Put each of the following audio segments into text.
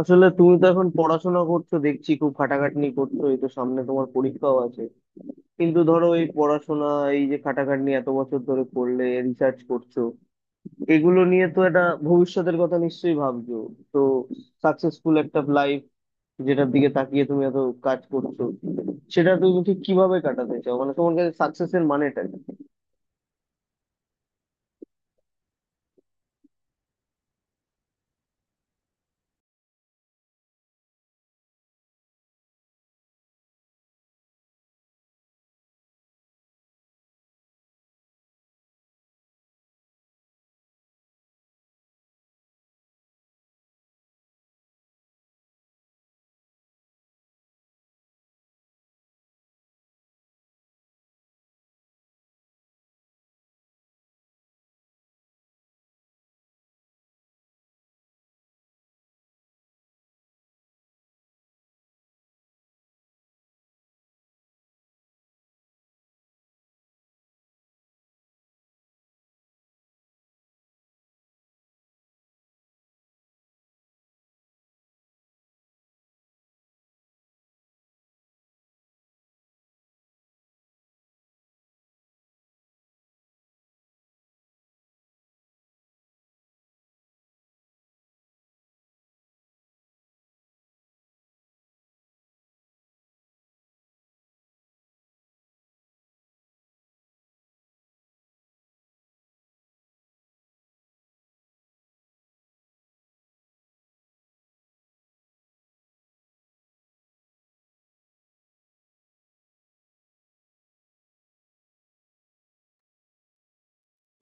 আসলে তুমি তো এখন পড়াশোনা করছো, দেখছি খুব খাটাখাটনি করছো, এই তো সামনে তোমার পরীক্ষাও আছে। কিন্তু ধরো, এই পড়াশোনা, এই যে খাটাখাটনি এত বছর ধরে করলে, রিসার্চ করছো, এগুলো নিয়ে তো একটা ভবিষ্যতের কথা নিশ্চয়ই ভাবছো। তো সাকসেসফুল একটা লাইফ যেটার দিকে তাকিয়ে তুমি এত কাজ করছো, সেটা তুমি ঠিক কিভাবে কাটাতে চাও, মানে তোমার কাছে সাকসেসের মানেটা কি?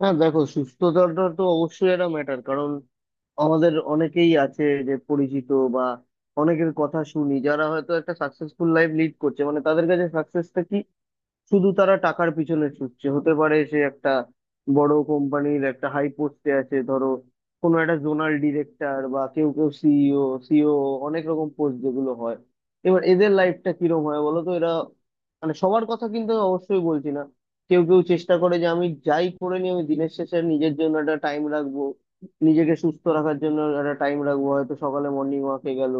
হ্যাঁ দেখো, সুস্থতাটা তো অবশ্যই একটা ম্যাটার, কারণ আমাদের অনেকেই আছে যে পরিচিত, বা অনেকের কথা শুনি যারা হয়তো একটা সাকসেসফুল লাইফ লিড করছে, মানে তাদের কাছে সাকসেসটা কি শুধু তারা টাকার পিছনে ছুটছে। হতে পারে সে একটা বড় কোম্পানির একটা হাই পোস্টে আছে, ধরো কোনো একটা জোনাল ডিরেক্টর, বা কেউ কেউ সিইও, সিও, অনেক রকম পোস্ট যেগুলো হয়। এবার এদের লাইফটা কিরম হয় বলো তো? এরা মানে সবার কথা কিন্তু আমি অবশ্যই বলছি না। কেউ কেউ চেষ্টা করে যে আমি যাই করে নিই আমি দিনের শেষে নিজের জন্য একটা টাইম রাখবো, নিজেকে সুস্থ রাখার জন্য একটা টাইম রাখবো, হয়তো সকালে মর্নিং ওয়াকে গেল,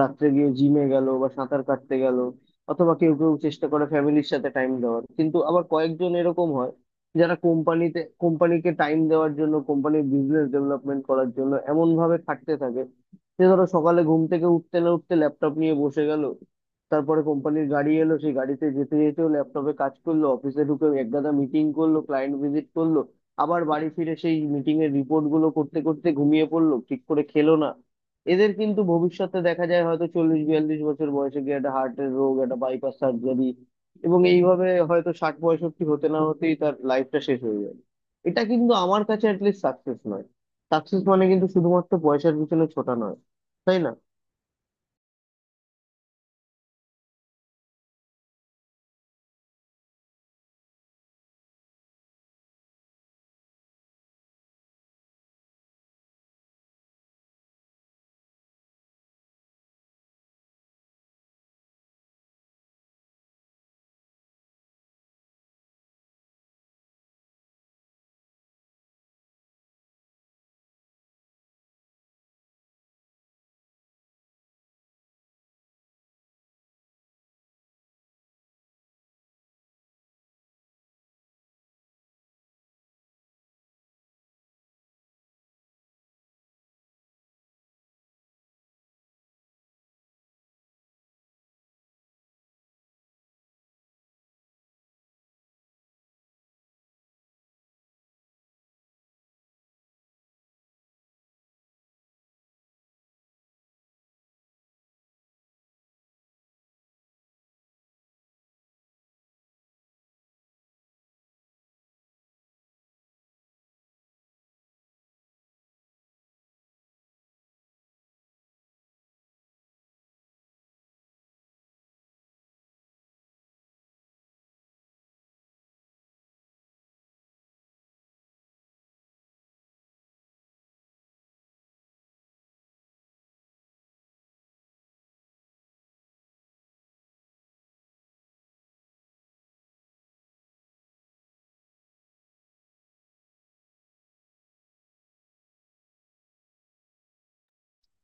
রাত্রে গিয়ে জিমে গেল বা সাঁতার কাটতে গেল, অথবা কেউ কেউ চেষ্টা করে ফ্যামিলির সাথে টাইম দেওয়ার। কিন্তু আবার কয়েকজন এরকম হয় যারা কোম্পানিকে টাইম দেওয়ার জন্য, কোম্পানির বিজনেস ডেভেলপমেন্ট করার জন্য এমন ভাবে খাটতে থাকে যে ধরো সকালে ঘুম থেকে উঠতে না উঠতে ল্যাপটপ নিয়ে বসে গেল, তারপরে কোম্পানির গাড়ি এলো, সেই গাড়িতে যেতে যেতেও ল্যাপটপে কাজ করলো, অফিসে ঢুকে একগাদা মিটিং করলো, ক্লায়েন্ট ভিজিট করলো, আবার বাড়ি ফিরে সেই মিটিং এর রিপোর্ট গুলো করতে করতে ঘুমিয়ে পড়লো, ঠিক করে খেলো না। এদের কিন্তু ভবিষ্যতে দেখা যায় হয়তো 40-42 বছর বয়সে গিয়ে একটা হার্টের রোগ, একটা বাইপাস সার্জারি, এবং এইভাবে হয়তো 60-65 হতে না হতেই তার লাইফটা শেষ হয়ে যাবে। এটা কিন্তু আমার কাছে অ্যাটলিস্ট সাকসেস নয়। সাকসেস মানে কিন্তু শুধুমাত্র পয়সার পিছনে ছোটা নয়, তাই না?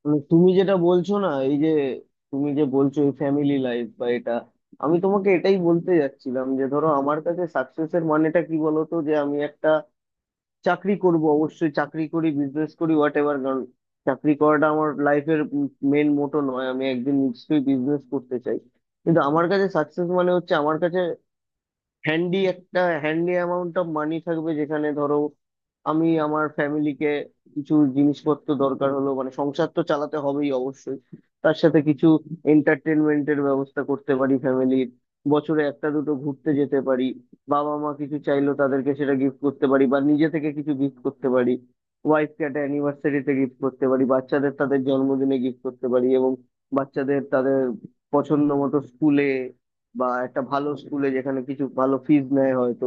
মানে তুমি যেটা বলছো না, এই যে তুমি যে বলছো এই ফ্যামিলি লাইফ বা এটা, আমি তোমাকে এটাই বলতে যাচ্ছিলাম যে ধরো আমার কাছে সাকসেসের মানেটা কি বলতো। যে আমি একটা চাকরি করব, অবশ্যই চাকরি করি বিজনেস করি হোয়াট এভার, কারণ চাকরি করাটা আমার লাইফের মেন মোটো নয়, আমি একদিন নিশ্চয়ই বিজনেস করতে চাই। কিন্তু আমার কাছে সাকসেস মানে হচ্ছে, আমার কাছে হ্যান্ডি অ্যামাউন্ট অফ মানি থাকবে, যেখানে ধরো আমি আমার ফ্যামিলিকে, কিছু জিনিসপত্র দরকার হলো, মানে সংসার তো চালাতে হবেই অবশ্যই, তার সাথে কিছু এন্টারটেনমেন্টের ব্যবস্থা করতে পারি ফ্যামিলির, বছরে একটা দুটো ঘুরতে যেতে পারি, বাবা মা কিছু চাইলো তাদেরকে সেটা গিফট করতে পারি বা নিজে থেকে কিছু গিফট করতে পারি, ওয়াইফকে একটা অ্যানিভার্সারিতে গিফট করতে পারি, বাচ্চাদের তাদের জন্মদিনে গিফট করতে পারি, এবং বাচ্চাদের তাদের পছন্দ মতো স্কুলে বা একটা ভালো স্কুলে যেখানে কিছু ভালো ফিজ নেয় হয়তো,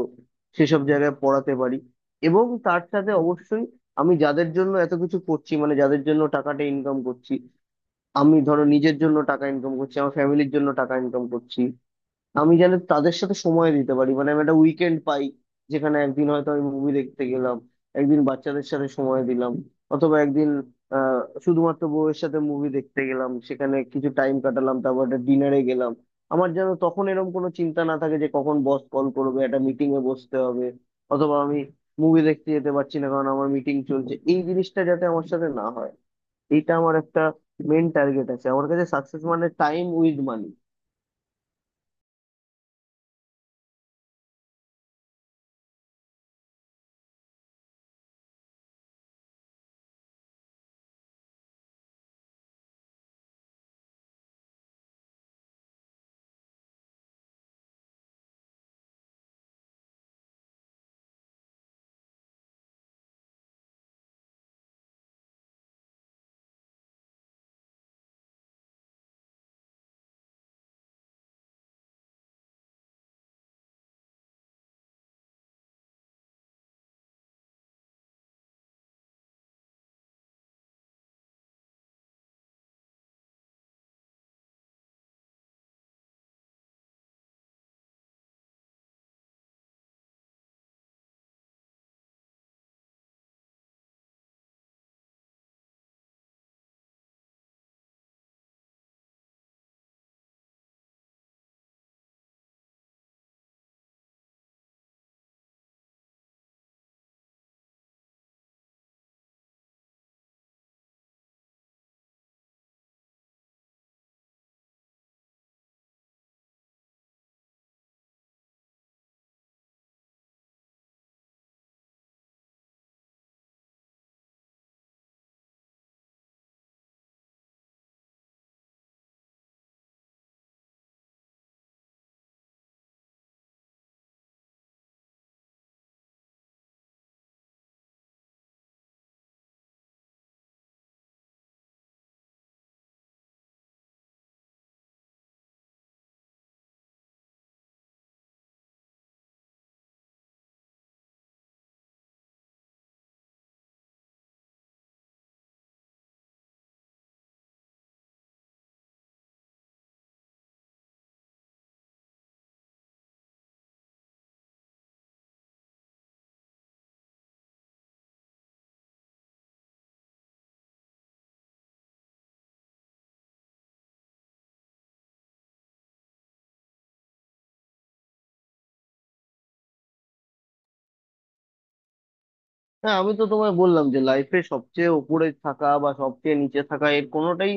সেসব জায়গায় পড়াতে পারি। এবং তার সাথে অবশ্যই আমি যাদের জন্য এত কিছু করছি, মানে যাদের জন্য টাকাটা ইনকাম করছি, আমি ধরো নিজের জন্য টাকা ইনকাম করছি, আমার ফ্যামিলির জন্য টাকা ইনকাম করছি, আমি যেন তাদের সাথে সময় দিতে পারি, মানে আমি একটা উইকেন্ড পাই যেখানে একদিন হয়তো আমি মুভি দেখতে গেলাম, একদিন বাচ্চাদের সাথে সময় দিলাম, অথবা একদিন আহ শুধুমাত্র বউয়ের সাথে মুভি দেখতে গেলাম, সেখানে কিছু টাইম কাটালাম, তারপর একটা ডিনারে গেলাম। আমার যেন তখন এরকম কোনো চিন্তা না থাকে যে কখন বস কল করবে, একটা মিটিং এ বসতে হবে, অথবা আমি মুভি দেখতে যেতে পারছি না কারণ আমার মিটিং চলছে, এই জিনিসটা যাতে আমার সাথে না হয়। এটা আমার একটা মেন টার্গেট আছে, আমার কাছে সাকসেস মানে টাইম উইথ মানি। হ্যাঁ, আমি তো তোমায় বললাম যে লাইফে সবচেয়ে উপরে থাকা বা সবচেয়ে নিচে থাকা এর কোনোটাই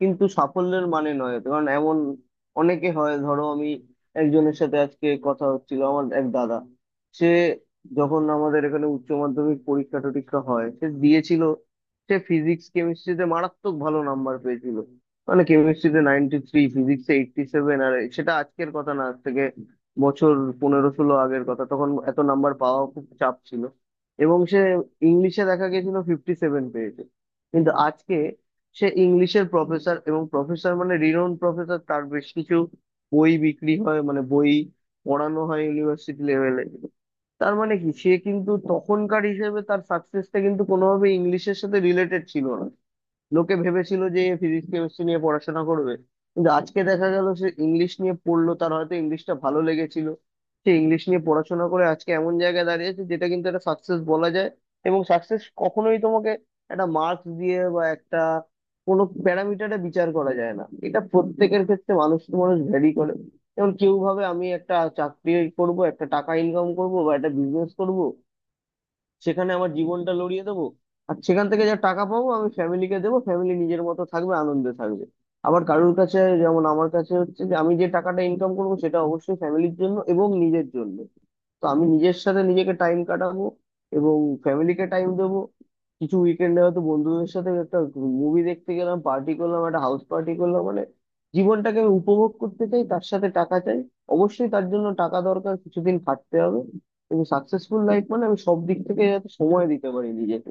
কিন্তু সাফল্যের মানে নয়। কারণ এমন অনেকে হয়, ধরো আমি একজনের সাথে আজকে কথা হচ্ছিল, আমার এক দাদা, সে যখন আমাদের এখানে উচ্চ মাধ্যমিক পরীক্ষা টরীক্ষা হয় সে দিয়েছিল, সে ফিজিক্স কেমিস্ট্রিতে মারাত্মক ভালো নাম্বার পেয়েছিল, মানে কেমিস্ট্রিতে 93, ফিজিক্সে 87, আর সেটা আজকের কথা না, আজ থেকে বছর 15-16 আগের কথা, তখন এত নাম্বার পাওয়া খুব চাপ ছিল। এবং সে ইংলিশে দেখা গেছিল 57 পেয়েছে, কিন্তু আজকে সে ইংলিশের প্রফেসর, এবং প্রফেসর মানে রিনোন প্রফেসর, তার বেশ কিছু বই বিক্রি হয়, মানে বই পড়ানো হয় ইউনিভার্সিটি লেভেলে। তার মানে কি? সে কিন্তু তখনকার হিসেবে তার সাকসেসটা কিন্তু কোনোভাবে ইংলিশের সাথে রিলেটেড ছিল। লোকে ভেবেছিল যে ফিজিক্স কেমিস্ট্রি নিয়ে পড়াশোনা করবে, কিন্তু আজকে দেখা গেল সে ইংলিশ নিয়ে পড়লো, তার হয়তো ইংলিশটা ভালো লেগেছিল। সে ইংলিশ নিয়ে পড়াশোনা করে আজকে এমন জায়গায় দাঁড়িয়েছে যেটা কিন্তু একটা সাকসেস বলা যায়। এবং সাকসেস কখনোই তোমাকে একটা মার্কস দিয়ে বা একটা কোনো প্যারামিটারে বিচার করা যায় না, এটা প্রত্যেকের ক্ষেত্রে মানুষ টু মানুষ ভ্যারি করে। যেমন কেউ ভাবে আমি একটা চাকরি করব, একটা টাকা ইনকাম করব বা একটা বিজনেস করব, সেখানে আমার জীবনটা লড়িয়ে দেবো, আর সেখান থেকে যা টাকা পাবো আমি ফ্যামিলিকে দেবো, ফ্যামিলি নিজের মতো থাকবে, আনন্দে থাকবে। আবার কারোর কাছে, যেমন আমার কাছে হচ্ছে, যে আমি যে টাকাটা ইনকাম করবো সেটা অবশ্যই ফ্যামিলির জন্য এবং নিজের জন্য। তো আমি নিজের সাথে নিজেকে টাইম কাটাবো এবং ফ্যামিলিকে টাইম দেবো, কিছু উইকেন্ডে হয়তো বন্ধুদের সাথে একটা মুভি দেখতে গেলাম, পার্টি করলাম, একটা হাউস পার্টি করলাম, মানে জীবনটাকে আমি উপভোগ করতে চাই, তার সাথে টাকা চাই। অবশ্যই তার জন্য টাকা দরকার, কিছুদিন খাটতে হবে, কিন্তু সাকসেসফুল লাইফ মানে আমি সব দিক থেকে যাতে সময় দিতে পারি নিজেকে।